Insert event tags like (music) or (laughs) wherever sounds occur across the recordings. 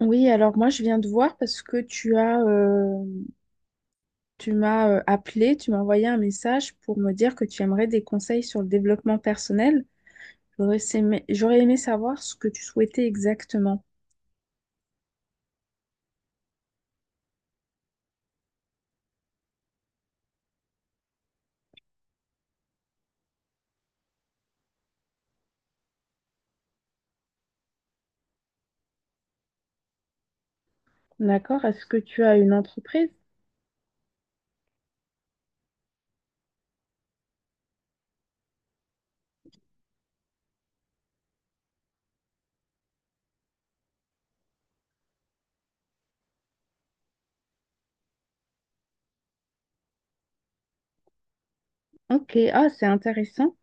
Oui, alors moi je viens de voir parce que tu as, tu m'as appelé, tu m'as envoyé un message pour me dire que tu aimerais des conseils sur le développement personnel. J'aurais aimé savoir ce que tu souhaitais exactement. D'accord? Est-ce que tu as une entreprise? Ok, ah, c'est intéressant.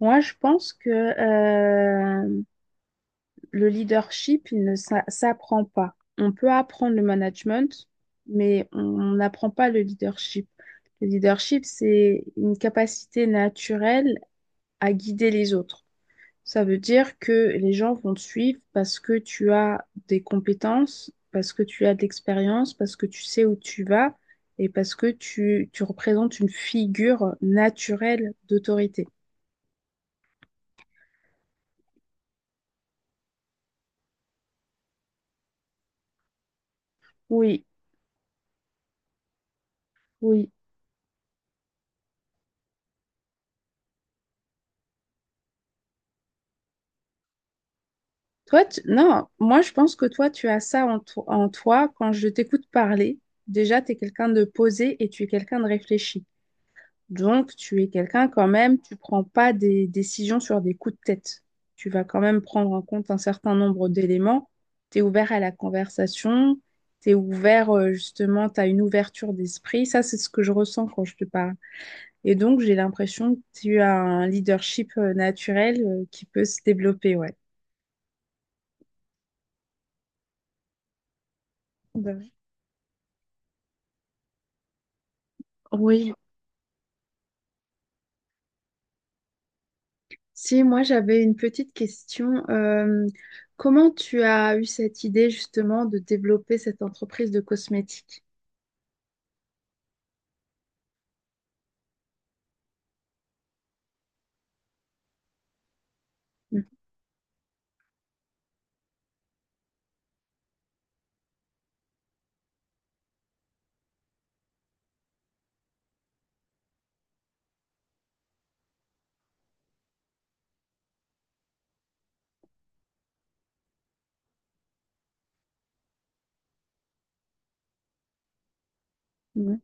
Moi, je pense que le leadership, il ne s'a- s'apprend pas. On peut apprendre le management, mais on n'apprend pas le leadership. Le leadership, c'est une capacité naturelle à guider les autres. Ça veut dire que les gens vont te suivre parce que tu as des compétences, parce que tu as de l'expérience, parce que tu sais où tu vas et parce que tu représentes une figure naturelle d'autorité. Oui. Oui. Non, moi, je pense que toi, tu as ça en, en toi. Quand je t'écoute parler, déjà, tu es quelqu'un de posé et tu es quelqu'un de réfléchi. Donc, tu es quelqu'un quand même, tu prends pas des décisions sur des coups de tête. Tu vas quand même prendre en compte un certain nombre d'éléments. Tu es ouvert à la conversation, tu es ouvert, justement, tu as une ouverture d'esprit. Ça, c'est ce que je ressens quand je te parle. Et donc, j'ai l'impression que tu as un leadership naturel, qui peut se développer, ouais. Ben. Oui. Si, moi j'avais une petite question. Comment tu as eu cette idée justement de développer cette entreprise de cosmétiques? Mhm.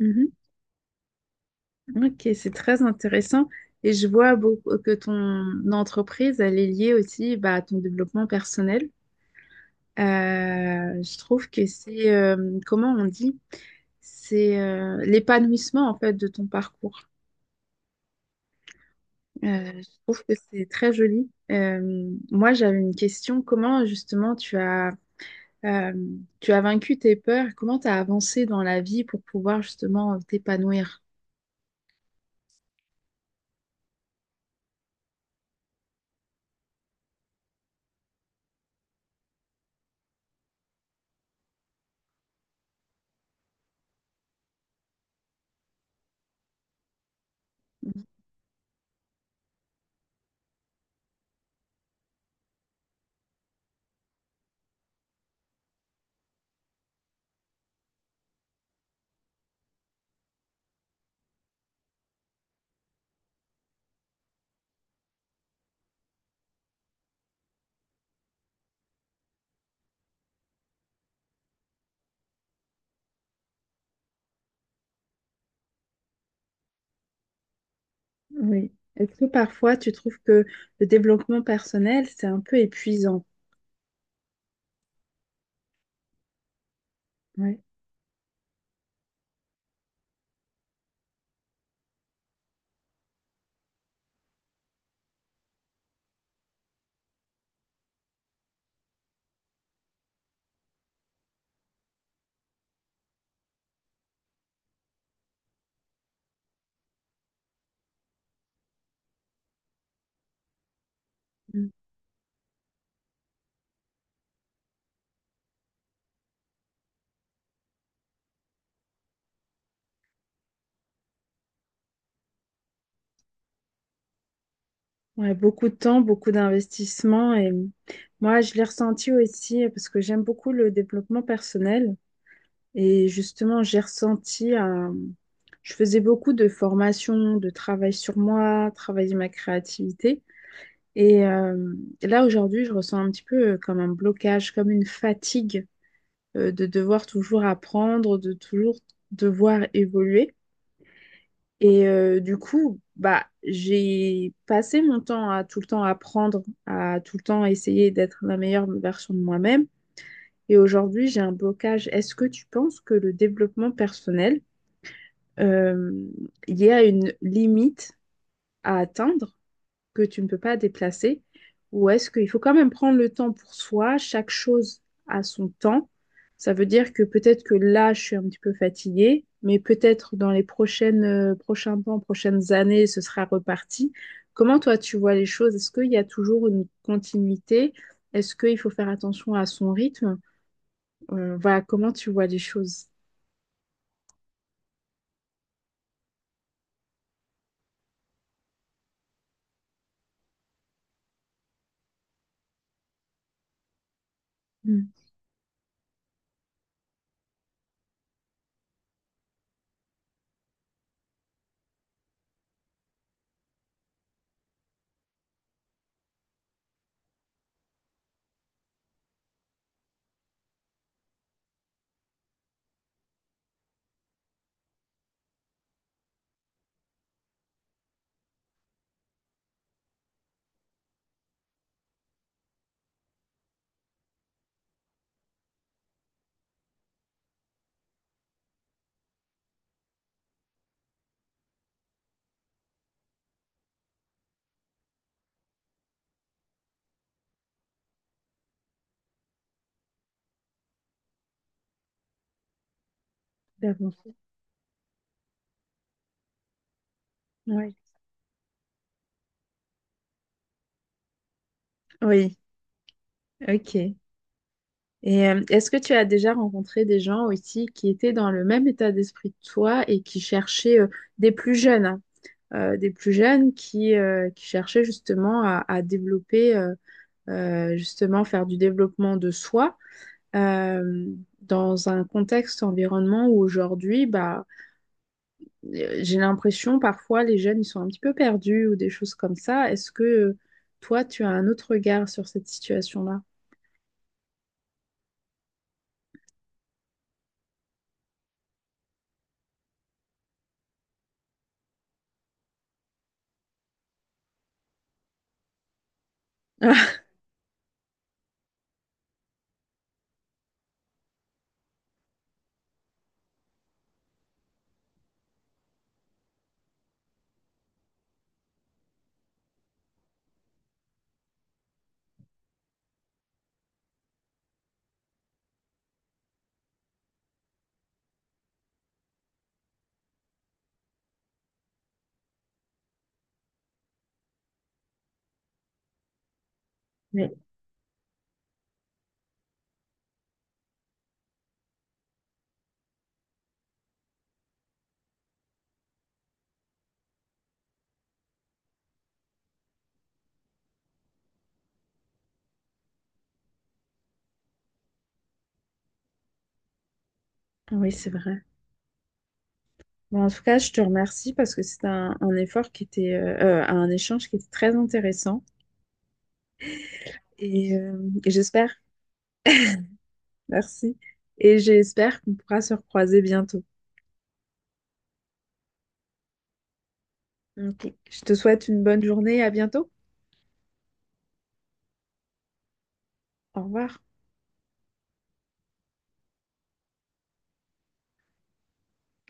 Mhm. Ok, c'est très intéressant. Et je vois beaucoup que ton entreprise, elle est liée aussi bah, à ton développement personnel. Euh, je trouve que c'est, comment on dit? C'est l'épanouissement en fait de ton parcours. Euh, je trouve que c'est très joli. Moi, j'avais une question. Comment justement Euh, tu as vaincu tes peurs. Comment tu as avancé dans la vie pour pouvoir justement t'épanouir? Oui. Est-ce que parfois tu trouves que le développement personnel, c'est un peu épuisant? Ouais. Mm. Ouais, beaucoup de temps, beaucoup d'investissement. Et moi, je l'ai ressenti aussi parce que j'aime beaucoup le développement personnel. Et justement, j'ai ressenti un… Je faisais beaucoup de formations, de travail sur moi, travailler ma créativité. Et là, aujourd'hui, je ressens un petit peu comme un blocage, comme une fatigue de devoir toujours apprendre, de toujours devoir évoluer. Et du coup, bah, j'ai passé mon temps à tout le temps apprendre, à tout le temps essayer d'être la meilleure version de moi-même. Et aujourd'hui, j'ai un blocage. Est-ce que tu penses que le développement personnel, euh, il y a une limite à atteindre? Que tu ne peux pas déplacer, ou est-ce qu'il faut quand même prendre le temps pour soi, chaque chose a son temps. Ça veut dire que peut-être que là, je suis un petit peu fatiguée, mais peut-être dans les prochains temps, prochaines années, ce sera reparti. Comment toi, tu vois les choses? Est-ce qu'il y a toujours une continuité? Est-ce qu'il faut faire attention à son rythme? Voilà, comment tu vois les choses? Hmm. D'abord. Ouais. Oui, ok. Et est-ce que tu as déjà rencontré des gens aussi qui étaient dans le même état d'esprit que toi et qui cherchaient des plus jeunes, hein, des plus jeunes qui cherchaient justement à développer, justement faire du développement de soi euh, dans un contexte environnement où aujourd'hui, bah, j'ai l'impression parfois les jeunes ils sont un petit peu perdus ou des choses comme ça. Est-ce que toi tu as un autre regard sur cette situation-là? (laughs) Oui, oui, c'est vrai. Bon, en tout cas, je te remercie parce que c'était un effort qui était, un échange qui était très intéressant. Et, euh, et j'espère, merci. Et j'espère qu'on pourra se recroiser bientôt. Ok. Je te souhaite une bonne journée, à bientôt. Au revoir.